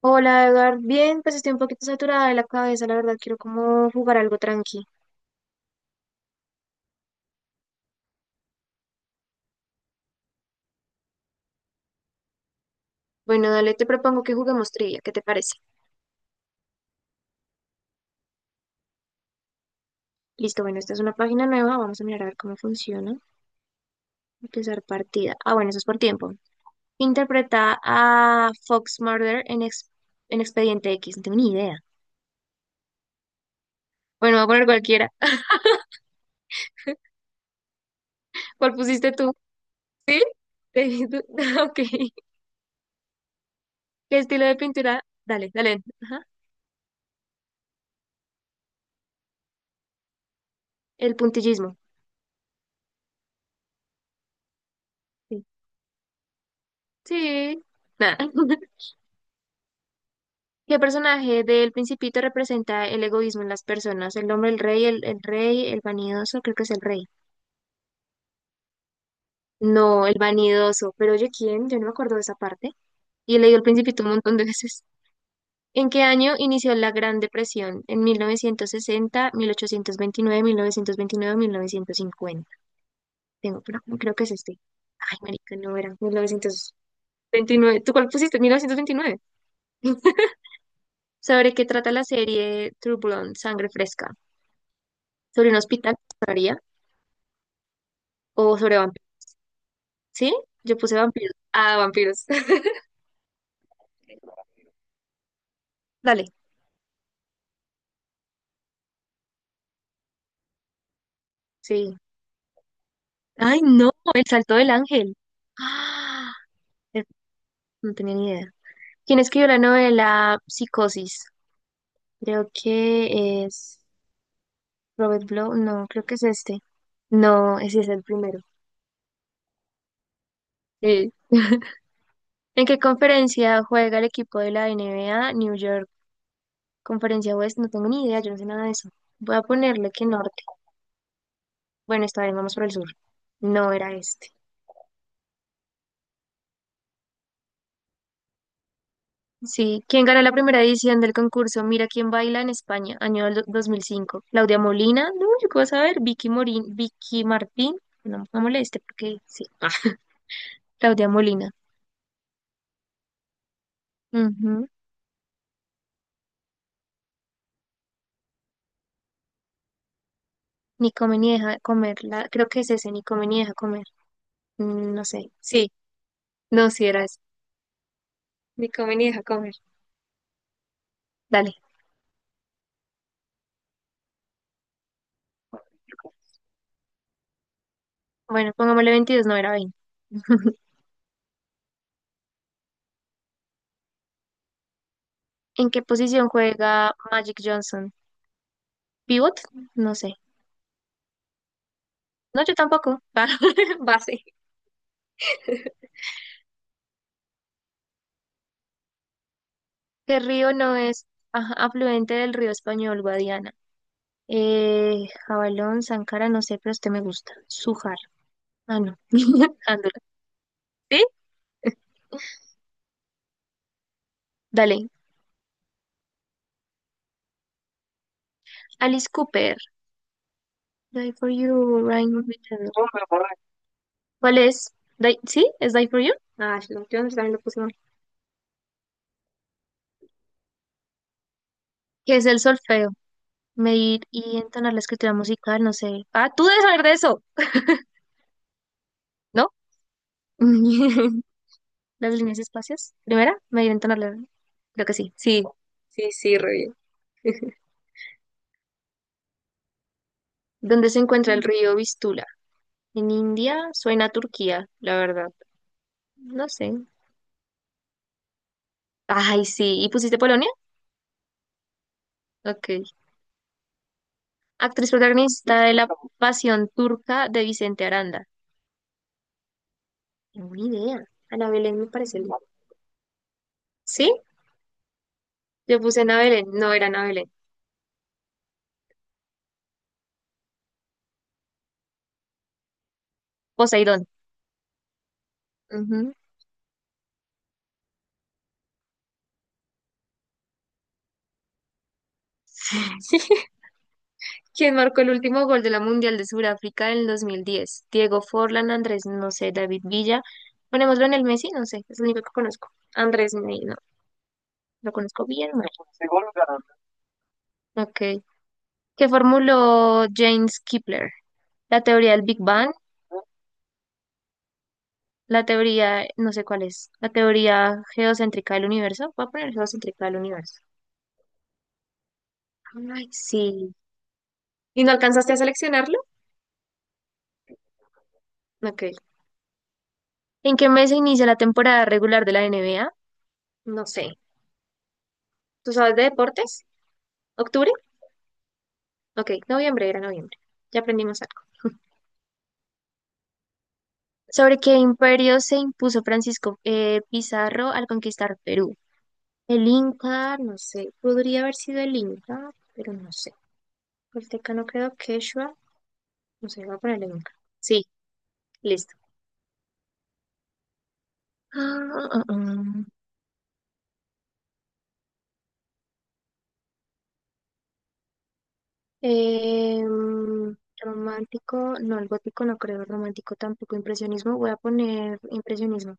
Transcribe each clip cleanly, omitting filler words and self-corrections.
Hola, Edgar. Bien, pues estoy un poquito saturada de la cabeza, la verdad. Quiero como jugar algo tranqui. Bueno, dale, te propongo que juguemos trivia. ¿Qué te parece? Listo, bueno, esta es una página nueva. Vamos a mirar a ver cómo funciona. Empezar partida. Ah, bueno, eso es por tiempo. Interpreta a Fox Murder en Expediente X. No tengo ni idea. Bueno, voy a poner cualquiera. ¿Cuál pusiste tú? ¿Sí? ¿Tú? Ok. ¿Qué estilo de pintura? Dale, dale. Ajá. El puntillismo. Sí. Sí. Nada. ¿Qué personaje del Principito representa el egoísmo en las personas? El hombre, el rey, el rey, el vanidoso, creo que es el rey. No, el vanidoso. Pero oye, ¿quién? Yo no me acuerdo de esa parte. Y he leído el Principito un montón de veces. ¿En qué año inició la Gran Depresión? ¿En 1960, 1829, 1929, 1950? Tengo, pero creo que es este. Ay, marica, no era. 1929. ¿Tú cuál pusiste? 1929. ¿Sobre qué trata la serie True Blood, Sangre Fresca? ¿Sobre un hospital? ¿Sabría? O sobre vampiros. ¿Sí? Yo puse vampiros. Ah, vampiros. Dale. Sí. Ay, no, el salto del ángel. Ah, eh, no tenía ni idea. ¿Quién escribió la novela Psicosis? Creo que es Robert Blow. No, creo que es este. No, ese es el primero. Sí. ¿En qué conferencia juega el equipo de la NBA New York? Conferencia West, no tengo ni idea, yo no sé nada de eso. Voy a ponerle que norte. Bueno, está bien, vamos por el sur. No era este. Sí, ¿quién ganó la primera edición del concurso Mira quién baila en España, año del 2005? Claudia Molina, no, yo qué vas a ver, Vicky Morín, Vicky Martín, no, no moleste porque sí, ah, Claudia Molina, ujú. Ni come ni deja comer, creo que es ese, ni come ni deja comer. Mm, no sé, sí, no, sí era ese, ni come ni deja comer, dale. Bueno, pongámosle 22. No era 20. ¿En qué posición juega Magic Johnson? ¿Pivot? No sé, no, yo tampoco. Base. ¿Qué río no es, ajá, afluente del río español, Guadiana? Jabalón, Sancara, no sé, pero este me gusta. Sujar. Ah, no. Ándola. ¿Sí? Dale. Alice Cooper. Die for you, Ryan. Oh, me lo. ¿Cuál es? Die- ¿Sí? ¿Es Die for you? Ah, yo también lo puse mal. ¿Qué es el solfeo? Medir y entonar la escritura musical, no sé. Ah, tú debes saber de eso, ¿no? Las líneas y espacios. Primera, medir y entonar la... Creo que sí. Sí, sí, sí, re bien. ¿Dónde se encuentra el río Vistula? ¿En India? Suena a Turquía, la verdad. No sé. Ay, sí. ¿Y pusiste Polonia? Ok. Actriz protagonista de La Pasión Turca de Vicente Aranda. Buena idea. Ana Belén me parece el nombre. ¿Sí? Yo puse Ana Belén. No era Ana Belén. Poseidón. Ujú. ¿Quién marcó el último gol de la Mundial de Sudáfrica en el 2010? Diego Forlán, Andrés, no sé, David Villa. Ponémoslo en el Messi, no sé, es el único que conozco. Andrés, no, lo conozco bien mal. Ok. Que formuló James Kepler, la teoría del Big Bang, la teoría, no sé cuál es, la teoría geocéntrica del universo. Voy a poner geocéntrica del universo. Ay, sí. ¿Y no alcanzaste a seleccionarlo? Ok. ¿En qué mes se inicia la temporada regular de la NBA? No sé. ¿Tú sabes de deportes? ¿Octubre? Ok, noviembre, era noviembre. Ya aprendimos algo. ¿Sobre qué imperio se impuso Francisco, Pizarro al conquistar Perú? El Inca, no sé. Podría haber sido el Inca, pero no. El no creo Quechua. No sé, voy a ponerle nunca. Sí, listo. Ah, ah, ah. Em, Romántico, no, el gótico no creo, romántico tampoco, impresionismo, voy a poner impresionismo.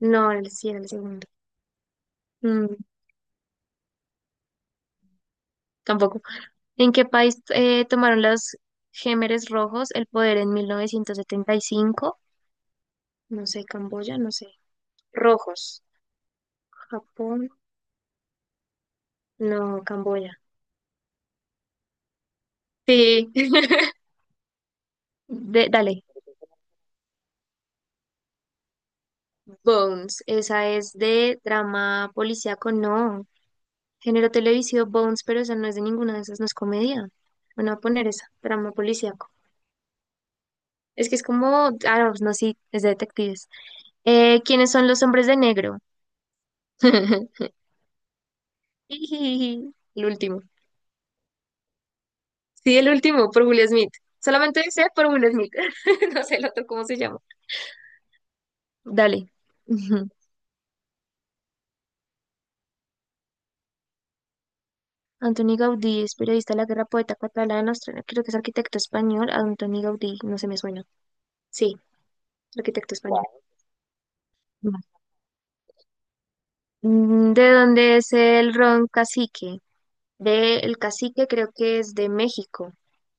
No, el, sí, era el segundo. Mm, tampoco. ¿En qué país tomaron los Gémeres Rojos el poder en 1975? No sé, Camboya, no sé. Rojos. Japón, no, Camboya. Sí. De-, dale. Bones, esa es de drama policíaco, no. Género televisivo Bones, pero esa no es de ninguna de esas, no es comedia. Bueno, voy a poner esa, drama policíaco. Es que es como, ah, no, no, sí, es de detectives. ¿Quiénes son los hombres de negro? El último. Sí, el último, por Will Smith. Solamente sé por Will Smith. No sé el otro cómo se llama. Dale. Ujú. Antoni Gaudí es periodista de la guerra, poeta catalán, australiano, creo que es arquitecto español. Antoni Gaudí, no se me suena. Sí, arquitecto español. Wow. Mm, ¿de dónde es el ron cacique? De el cacique creo que es de México.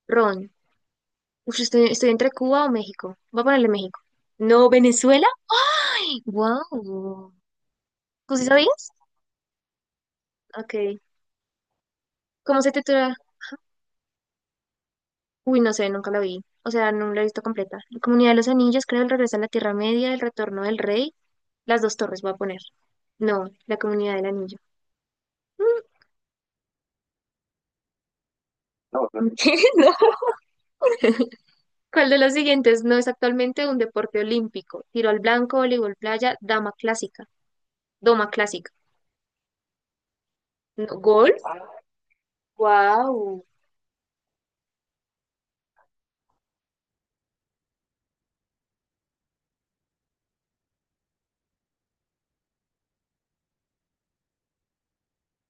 Ron. Uf, estoy entre Cuba o México. Voy a ponerle México. No, Venezuela. Wow. ¿Tú sí sabías? Ok. ¿Cómo se titula? Uy, no sé, nunca la vi. O sea, no la he visto completa. La Comunidad de los Anillos, creo, el regreso a la Tierra Media, el retorno del rey, las dos torres, voy a poner. No, la Comunidad del Anillo. Mm, no, no. Mm, no. ¿Cuál de los siguientes no es actualmente un deporte olímpico? Tiro al blanco, voleibol playa, dama clásica, doma clásica. No, ¿golf? Wow.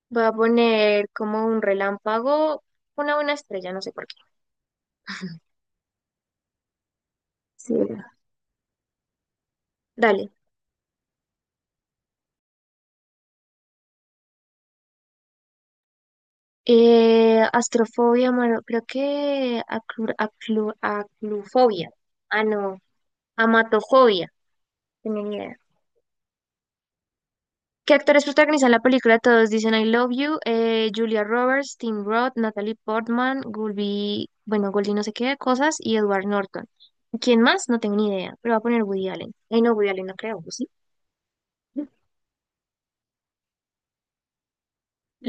Voy a poner como un relámpago, una estrella, no sé por qué. Sí, era. Dale. Astrofobia, mano, creo que aclufobia. Ah, no. Amatofobia. Tenía ni idea. ¿Qué actores protagonizan la película? Todos dicen I Love You, Julia Roberts, Tim Roth, Natalie Portman, Goldie, bueno, Goldie no sé qué cosas, y Edward Norton. ¿Quién más? No tengo ni idea, pero va a poner Woody Allen. Ay, no, Woody Allen no creo, ¿o ¿sí?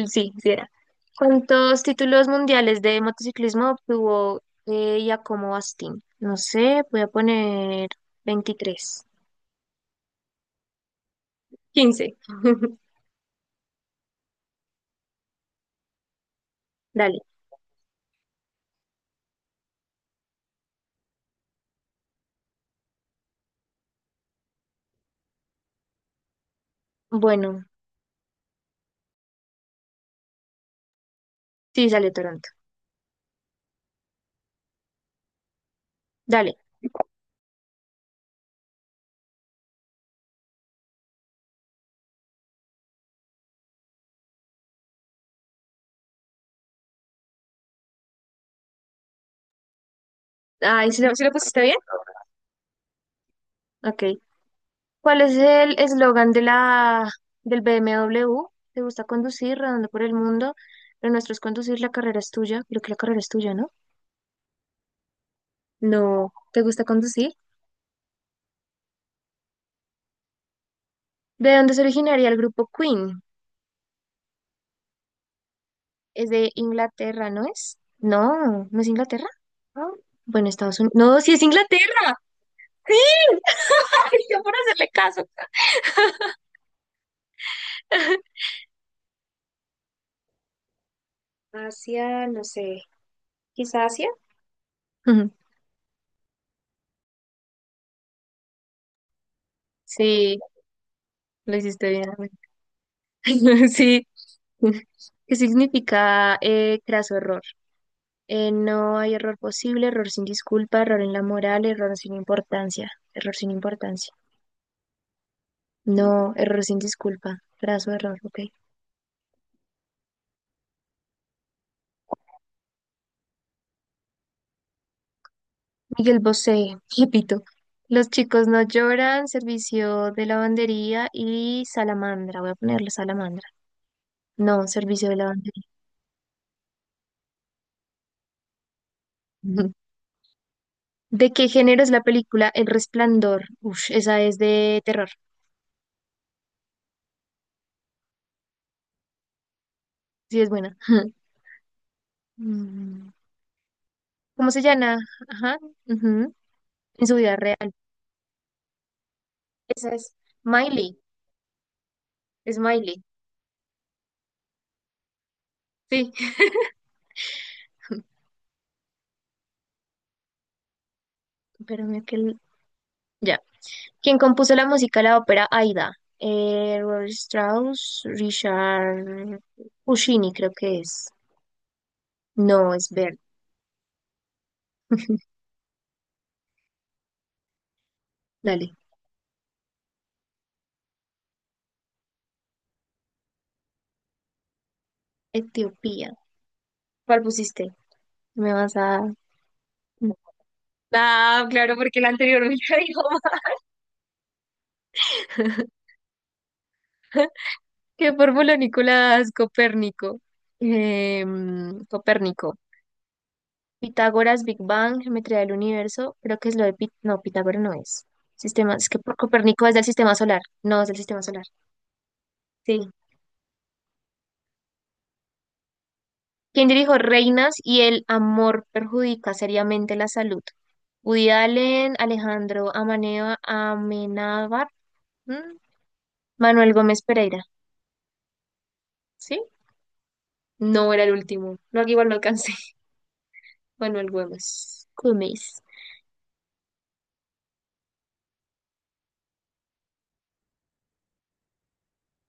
Sí, sí era. ¿Cuántos títulos mundiales de motociclismo obtuvo Giacomo Astin? No sé, voy a poner 23. 15. Dale. Bueno, sí, sale Toronto. Dale. Ay, sí lo pusiste bien? Ok. ¿Cuál es el eslogan de la del BMW? ¿Te gusta conducir, redondo por el mundo? Lo nuestro es conducir, la carrera es tuya. Creo que la carrera es tuya, ¿no? No, ¿te gusta conducir? ¿De dónde se originaría el grupo Queen? Es de Inglaterra, ¿no es? No, ¿no es Inglaterra? No. Bueno, Estados Unidos. No, sí es Inglaterra. Sí. Ay, yo por hacerle caso. Asia, no sé. ¿Quizá Asia? Ujú. Sí, lo hiciste bien, amigo. Sí. ¿Qué significa, craso error? No hay error posible, error sin disculpa, error en la moral, error sin importancia, error sin importancia. No, error sin disculpa, craso error, ok. Miguel Bosé, repito. Los chicos no lloran, servicio de lavandería y salamandra. Voy a ponerle salamandra. No, servicio de lavandería. Ujú. ¿De qué género es la película El Resplandor? Uf, esa es de terror. Sí, es buena. Mm. ¿Cómo se llama? Ajá, ujú, en su vida real. Esa es Miley, es Miley. Sí, espérame que... el- Ya. ¿Quién compuso la música de la ópera Aida? Robert Strauss, Richard Puccini, creo que es. No, es Ver. Dale. Etiopía. ¿Cuál pusiste? Me vas a... no. Ah, claro, porque la anterior me la dijo. ¿Qué formuló Nicolás Copérnico? Em, Copérnico. Pitágoras, Big Bang, geometría del universo, creo que es lo de Pit, no, Pitágoras no es. Sistema, es que por Copérnico es del sistema solar, no es del sistema solar. Sí. ¿Quién dirijo Reinas y el amor perjudica seriamente la salud? Woody Allen, Alejandro Amaneo, Amenábar, ¿m? Manuel Gómez Pereira. ¿Sí? No era el último. No, aquí igual no alcancé. Manuel Gómez. Gómez.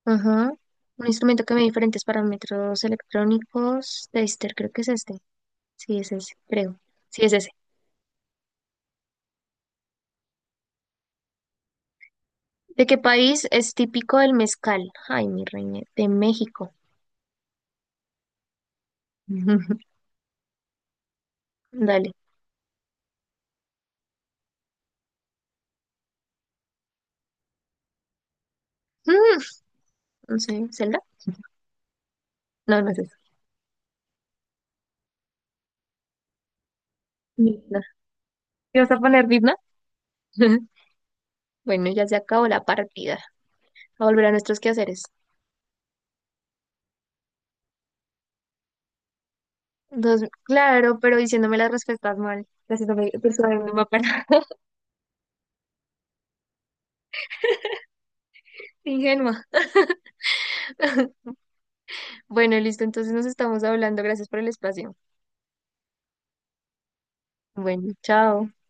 Ajá. Un instrumento que mide diferentes parámetros electrónicos. Taster, creo que es este. Sí, es ese, creo. Sí, es ese. ¿De qué país es típico el mezcal? Ay, mi reina, de México. Dale. Mm, no sé, ¿Zelda? No, no es eso. Midna. ¿Qué vas a poner, Midna? Bueno, ya se acabó la partida. A volver a nuestros quehaceres. Dos, claro, pero diciéndome las respuestas mal. Gracias, persuadiéndome para ingenua. Bueno, listo, entonces nos estamos hablando. Gracias por el espacio. Bueno, chao.